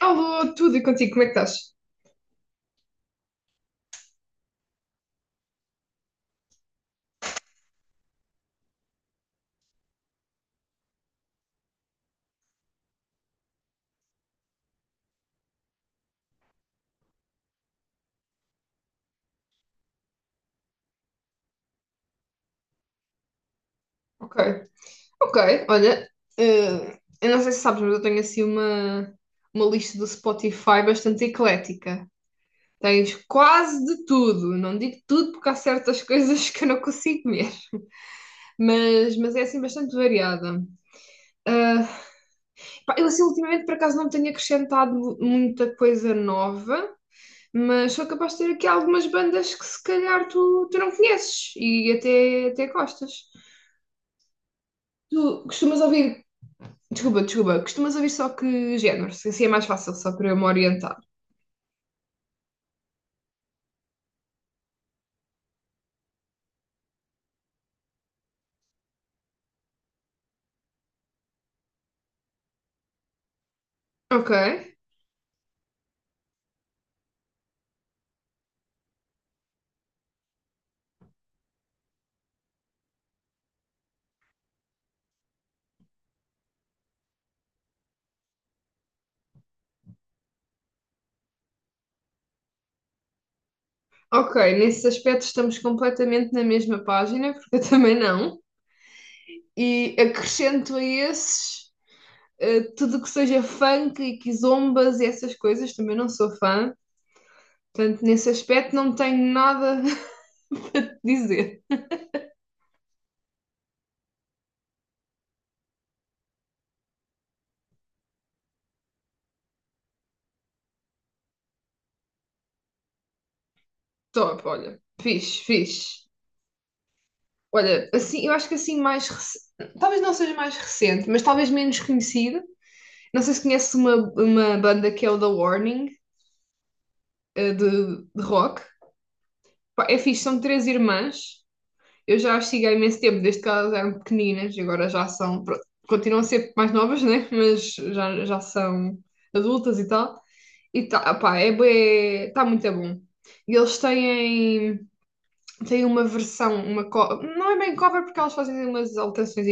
Alô, tudo e contigo, como é que estás? Ok, ok, olha, eu não sei se sabes, mas eu tenho assim uma lista do Spotify bastante eclética. Tens quase de tudo, não digo tudo porque há certas coisas que eu não consigo ver, mas, é assim bastante variada. Ah, Pá, eu assim ultimamente por acaso não tenho acrescentado muita coisa nova, mas sou capaz de ter aqui algumas bandas que se calhar tu não conheces e até gostas. Tu costumas ouvir desculpa, desculpa. Costumas ouvir só que géneros? Assim é mais fácil, só para eu me orientar. Ok. Ok, nesse aspecto estamos completamente na mesma página, porque eu também não. E acrescento a esses, tudo o que seja funk e quizombas e essas coisas, também não sou fã. Portanto, nesse aspecto não tenho nada a dizer. Top, olha. Fixe, fixe. Olha, assim, eu acho que assim mais talvez não seja mais recente, mas talvez menos conhecida. Não sei se conheces uma banda que é o The Warning, de rock. Pá, é fixe, são três irmãs. Eu já as sigo há imenso tempo, desde que elas eram pequeninas, e agora já são, pronto, continuam a ser mais novas, né? Mas já, são adultas e tal. E tá, pá, é, tá muito bom. E eles têm tem uma versão, não é bem cover porque elas fazem umas alterações,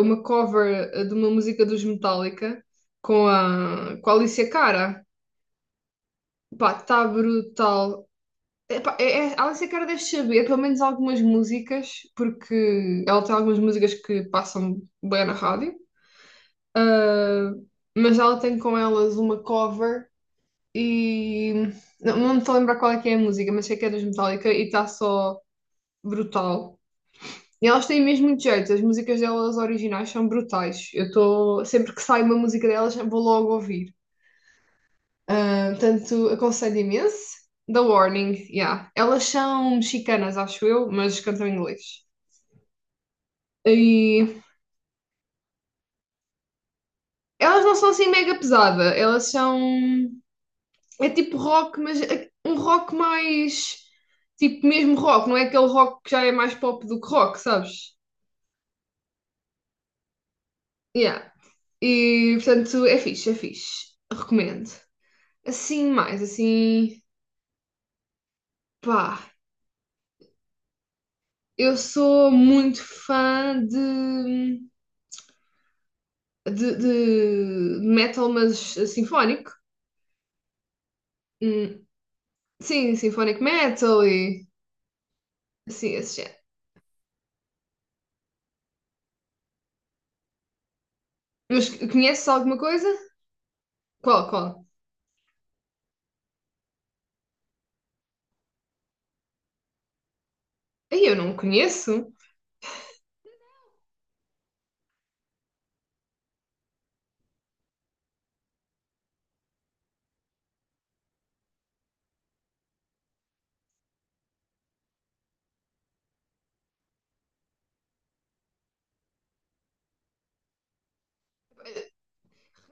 uma cover de uma música dos Metallica com a Alicia Cara. Pá, tá brutal. Epá, a Alicia Cara deve saber pelo menos algumas músicas, porque ela tem algumas músicas que passam bem na rádio. Ah, mas ela tem com elas uma cover e não, me estou a lembrar qual é que é a música, mas sei que é dos Metallica e está só brutal. E elas têm mesmo muito jeito, as músicas delas originais são brutais. Eu estou, sempre que sai uma música delas, vou logo ouvir. Ah, portanto, aconselho imenso. The Warning, yeah. Elas são mexicanas, acho eu, mas cantam em inglês. E elas não são assim mega pesada, elas são. É tipo rock, mas é um rock mais. Tipo mesmo rock, não é aquele rock que já é mais pop do que rock, sabes? Yeah. E portanto é fixe, é fixe. Recomendo. Assim, mais assim, pá, eu sou muito fã de metal, mas sinfónico. Hum, sim, sinfónico metal e assim, esse género. Mas conheces alguma coisa? Qual, qual? Aí eu não conheço.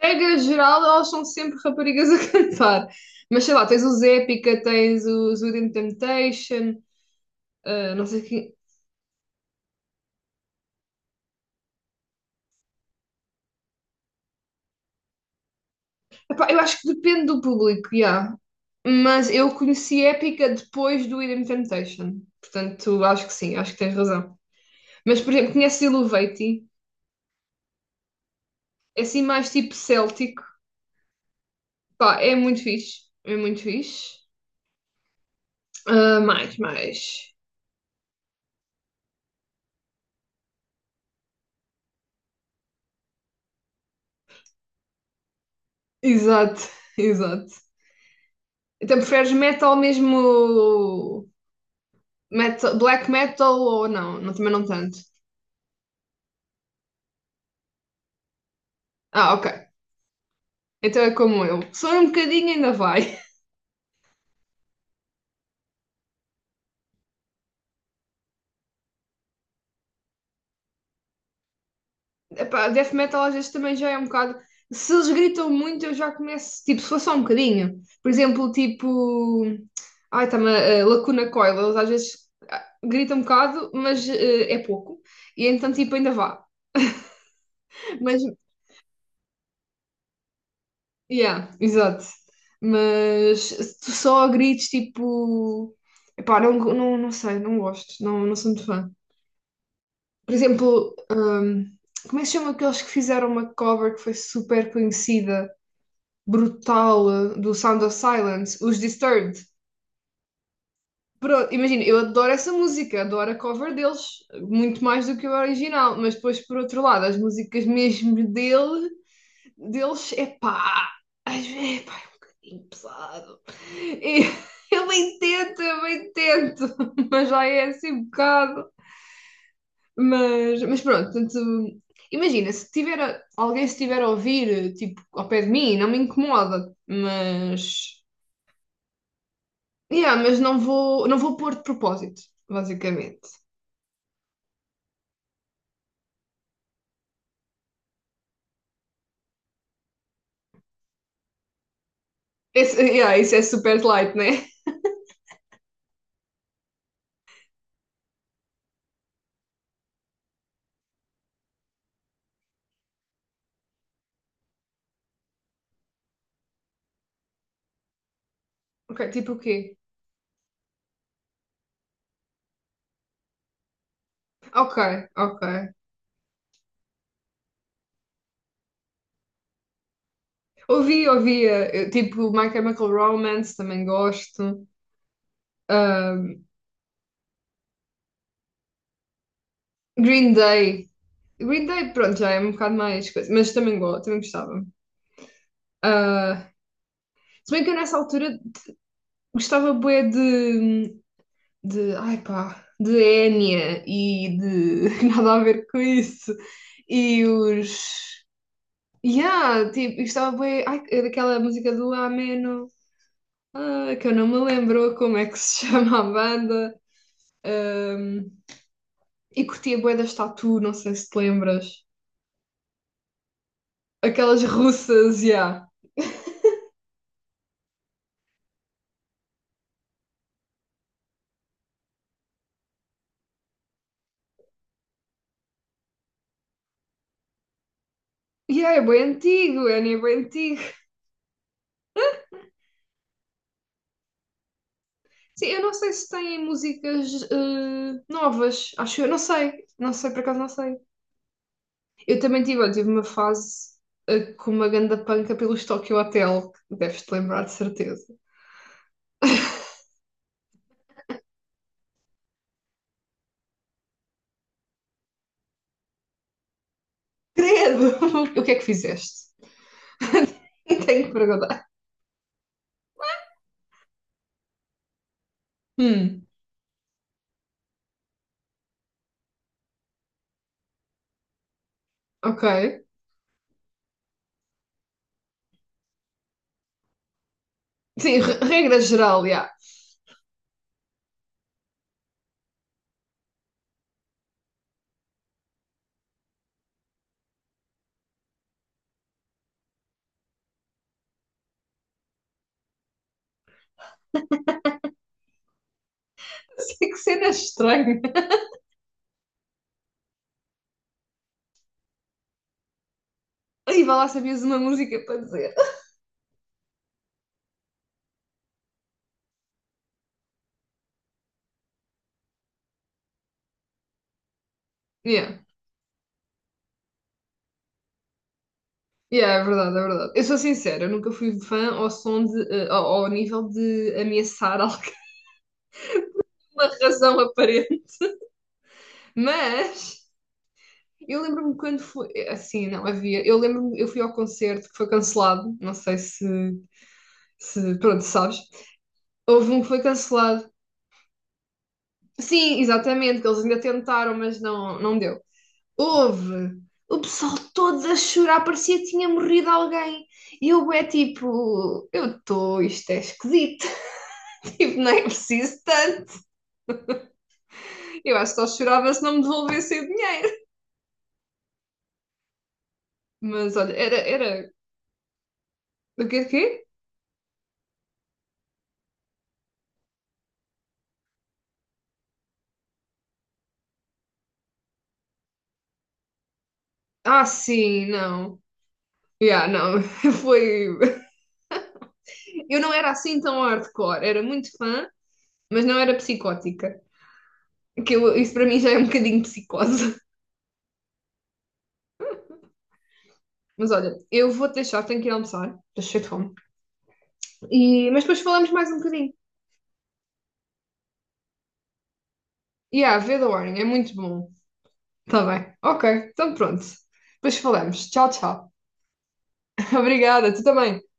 Regra geral, elas são sempre raparigas a cantar. Mas sei lá, tens os Epica, tens os Within Temptation, ah, não sei quem. Epá, eu acho que depende do público, yeah. Mas eu conheci Épica depois do Idem Temptation. Portanto, acho que sim, acho que tens razão. Mas, por exemplo, conheces Iluvaty? É assim mais tipo céltico. Pá, é muito fixe. É muito fixe. Ah, mais, mais. Exato, exato. Então preferes metal mesmo... black metal ou não? Não, também não tanto. Ah, ok. Então é como eu. Sou um bocadinho ainda vai. Epá, death metal às vezes também já é um bocado. Se eles gritam muito, eu já começo. Tipo, se for só um bocadinho. Por exemplo, tipo. Ai, a Lacuna Coil. Eles às vezes gritam um bocado, mas é pouco. E então, tipo, ainda vá. Mas, yeah, exato. Mas se tu só grites, tipo. Epá, não, não sei, não gosto. Não, sou muito fã. Por exemplo, como é que se chama aqueles que fizeram uma cover que foi super conhecida? Brutal, do Sound of Silence, os Disturbed. Pronto, imagina, eu adoro essa música, adoro a cover deles, muito mais do que o original, mas depois, por outro lado, as músicas mesmo deles, é pá, às vezes, epá, é um bocadinho pesado. E eu bem tento, mas já é assim um bocado. Mas, pronto, portanto, imagina, se tiver, alguém estiver a ouvir, tipo, ao pé de mim, não me incomoda, mas yeah, mas não vou, não vou pôr de propósito, basicamente. Esse, yeah, isso é super light, né? Ok, tipo o quê? Ok, ok. Ouvi, ouvi, tipo My Chemical Romance, também gosto. Ahm, Green Day. Green Day, pronto, já é um bocado mais coisa, mas também gosto, também gostava. Ah, se bem que eu nessa altura gostava bué ai pá, de Enya e de nada a ver com isso. E os yeah, tipo, eu estava bem. Ai, é daquela música do Ameno, ah, que eu não me lembro como é que se chama a banda. Ahm, e curtia bué das Tatu, não sei se te lembras. Aquelas russas, yeah. Yeah, é bem antigo, é nem bem antigo. Sim, eu não sei se têm músicas novas, acho eu, não sei, por acaso não sei. Eu também tive, olha, tive uma fase com uma ganda panca pelos Tokyo Hotel, que deves-te lembrar de certeza. Credo! O que é que fizeste? Tenho que perguntar. Hum, ok. Sim, regra geral, já. Yeah. Sei que cena estranha. E vai lá, sabias uma música para dizer. Yeah. Yeah, é verdade, é verdade. Eu sou sincera, eu nunca fui fã ao som de, ao nível de ameaçar alguma razão aparente. Mas eu lembro-me quando foi. Assim, não havia. Eu lembro-me, eu fui ao concerto que foi cancelado. Não sei se. Se pronto, sabes. Houve um que foi cancelado. Sim, exatamente, que eles ainda tentaram, mas não, deu. Houve. O pessoal todo a chorar, parecia que tinha morrido alguém. E eu é tipo, eu estou, isto é esquisito. Tipo, não é preciso tanto. Eu acho que só chorava se não me devolvessem o dinheiro. Mas olha, era, o quê, o quê? Ah, sim, não. Yeah, não, foi... Eu não era assim tão hardcore, era muito fã, mas não era psicótica. Que isso para mim já é um bocadinho psicose. Mas olha, eu vou-te deixar, tenho que ir almoçar, estou cheia de fome. E... Mas depois falamos mais um bocadinho. Yeah, vê The Warning, é muito bom. Tá bem. Ok, então pronto. Depois falamos. Tchau, tchau. Obrigada, tu também.